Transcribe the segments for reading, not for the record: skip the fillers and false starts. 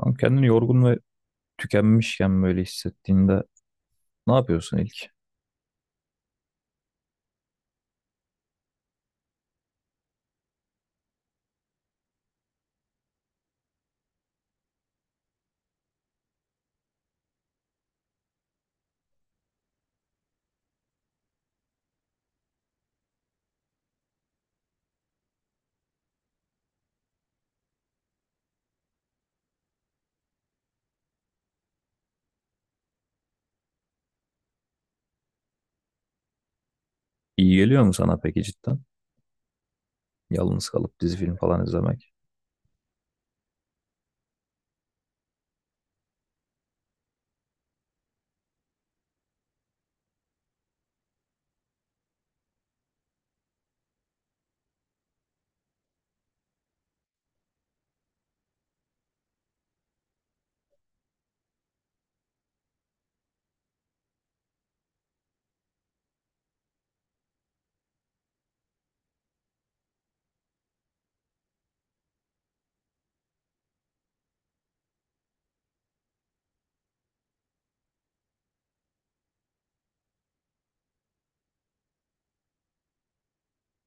Tam kendini yorgun ve tükenmişken böyle hissettiğinde ne yapıyorsun ilk? İyi geliyor mu sana peki cidden? Yalnız kalıp dizi film falan izlemek.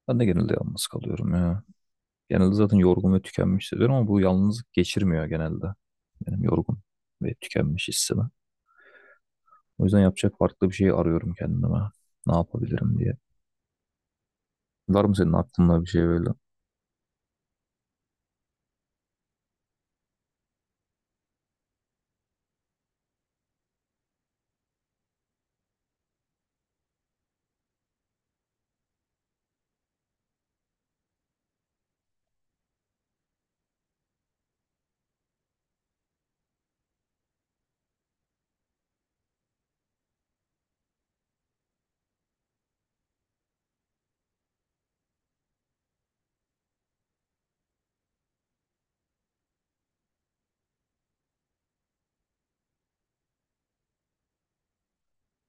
Ben de genelde yalnız kalıyorum ya. Genelde zaten yorgun ve tükenmiş hissediyorum ama bu yalnızlık geçirmiyor genelde. Benim yorgun ve tükenmiş hissimi. O yüzden yapacak farklı bir şey arıyorum kendime. Ne yapabilirim diye. Var mı senin aklında bir şey böyle?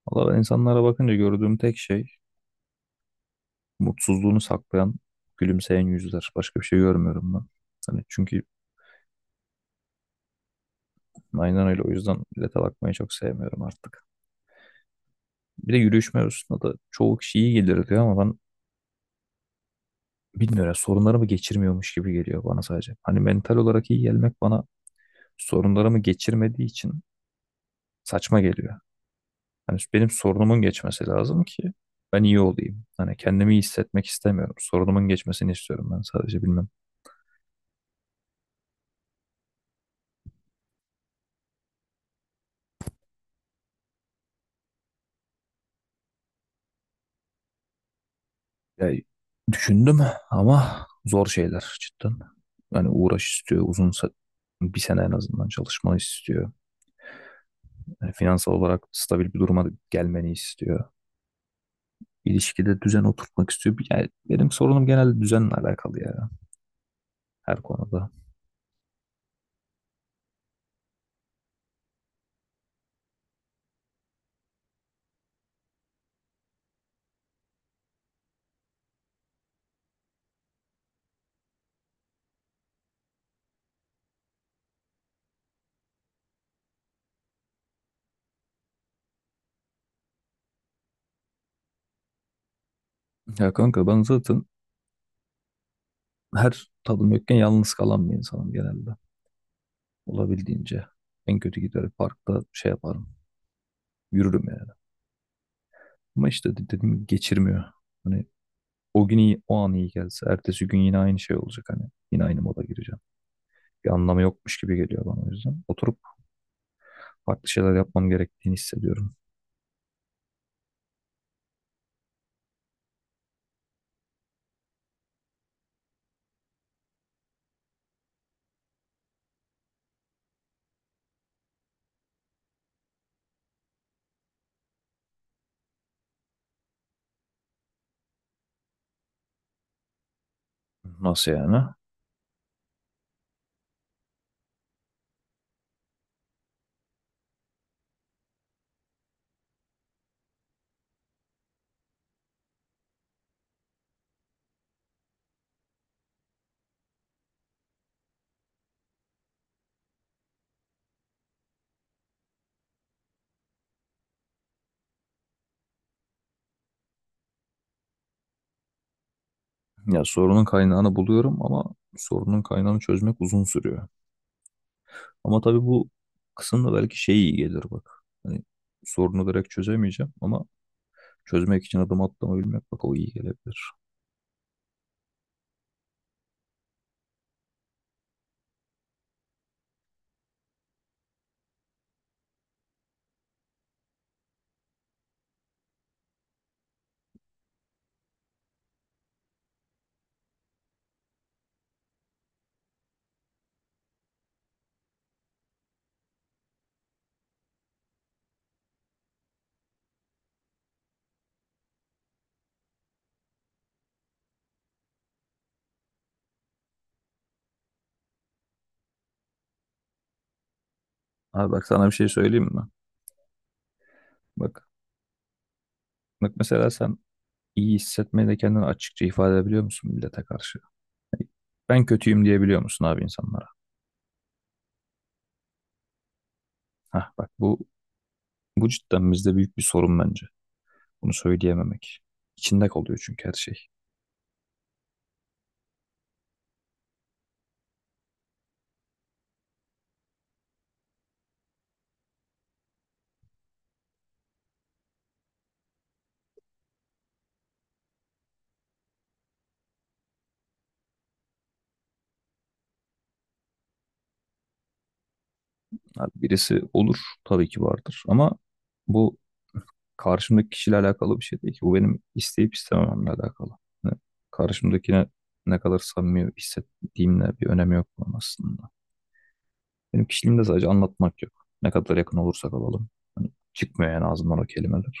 Valla ben insanlara bakınca gördüğüm tek şey mutsuzluğunu saklayan, gülümseyen yüzler. Başka bir şey görmüyorum ben. Hani çünkü aynen öyle. O yüzden millete bakmayı çok sevmiyorum artık. Bir de yürüyüş mevzusunda da çoğu kişi iyi gelir diyor ama ben bilmiyorum. Sorunlarımı geçirmiyormuş gibi geliyor bana sadece. Hani mental olarak iyi gelmek bana sorunlarımı geçirmediği için saçma geliyor. Hani benim sorunumun geçmesi lazım ki ben iyi olayım. Hani kendimi iyi hissetmek istemiyorum. Sorunumun geçmesini istiyorum ben sadece bilmem. Ya, düşündüm ama zor şeyler cidden. Yani uğraş istiyor, bir sene en azından çalışmanı istiyor. Yani finansal olarak stabil bir duruma gelmeni istiyor. İlişkide düzen oturtmak istiyor. Yani benim sorunum genelde düzenle alakalı ya her konuda. Ya kanka ben zaten her tadım yokken yalnız kalan bir insanım genelde. Olabildiğince. En kötü giderim parkta şey yaparım. Yürürüm yani. Ama işte dediğim gibi geçirmiyor. Hani o gün iyi, o an iyi gelse. Ertesi gün yine aynı şey olacak hani. Yine aynı moda gireceğim. Bir anlamı yokmuş gibi geliyor bana o yüzden. Oturup farklı şeyler yapmam gerektiğini hissediyorum. Nasıl yani? Ya sorunun kaynağını buluyorum ama sorunun kaynağını çözmek uzun sürüyor. Ama tabii bu kısımda belki şey iyi gelir bak. Hani sorunu direkt çözemeyeceğim ama çözmek için adım atlamayı bilmek bak o iyi gelebilir. Abi bak sana bir şey söyleyeyim mi? Bak, bak mesela sen iyi hissetmeyi de kendini açıkça ifade edebiliyor musun millete karşı? Ben kötüyüm diyebiliyor musun abi insanlara? Hah bak bu cidden bizde büyük bir sorun bence. Bunu söyleyememek. İçinde kalıyor çünkü her şey. Abi birisi olur tabii ki vardır ama bu karşımdaki kişiyle alakalı bir şey değil ki. Bu benim isteyip istemememle alakalı. Yani karşımdakine ne kadar samimi hissettiğimle bir önemi yok bunun aslında. Benim kişiliğimde sadece anlatmak yok. Ne kadar yakın olursak olalım. Hani çıkmıyor yani ağzımdan o kelimeler.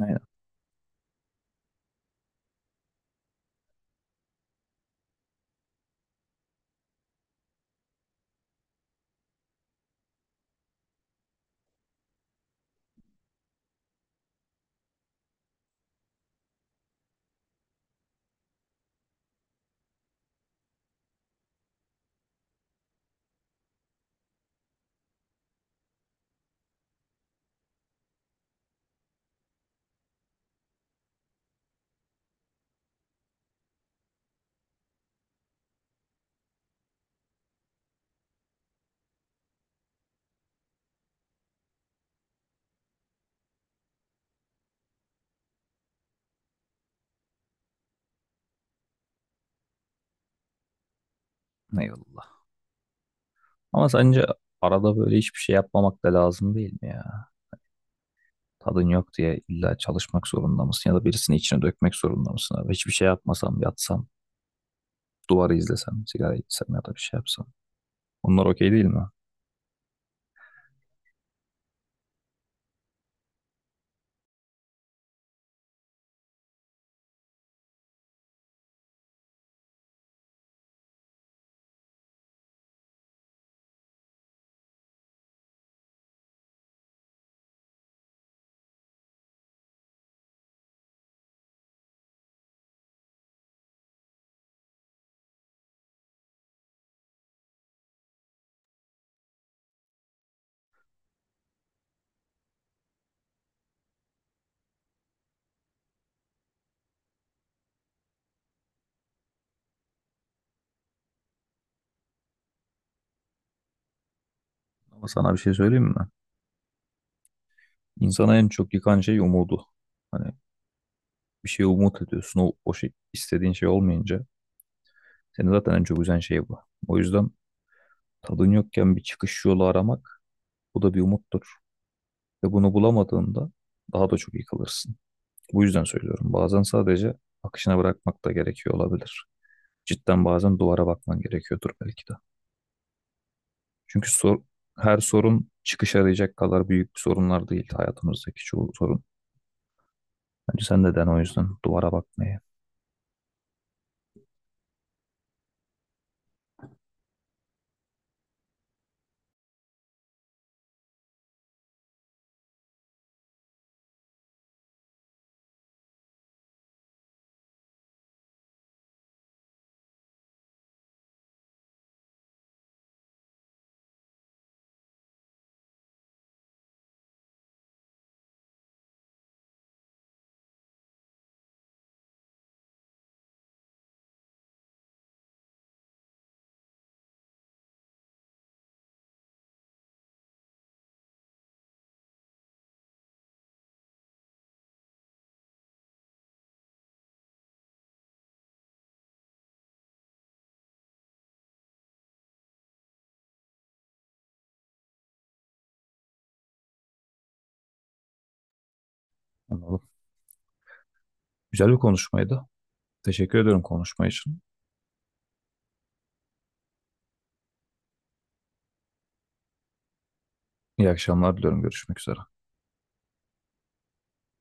Aynen. Eyvallah. Ama sence arada böyle hiçbir şey yapmamak da lazım değil mi ya? Tadın yok diye illa çalışmak zorunda mısın ya da birisini içine dökmek zorunda mısın abi? Hiçbir şey yapmasam, yatsam, duvarı izlesem, sigara içsem ya da bir şey yapsam. Bunlar okey değil mi? Ama sana bir şey söyleyeyim mi? İnsana en çok yıkan şey umudu. Hani bir şey umut ediyorsun. İstediğin şey olmayınca seni zaten en çok üzen şey bu. O yüzden tadın yokken bir çıkış yolu aramak bu da bir umuttur. Ve bunu bulamadığında daha da çok yıkılırsın. Bu yüzden söylüyorum. Bazen sadece akışına bırakmak da gerekiyor olabilir. Cidden bazen duvara bakman gerekiyordur belki de. Çünkü her sorun çıkış arayacak kadar büyük bir sorunlar değil hayatımızdaki çoğu sorun. Bence sen de den o yüzden duvara bakmayı. Anladım. Güzel bir konuşmaydı. Teşekkür ediyorum konuşma için. İyi akşamlar diliyorum. Görüşmek üzere.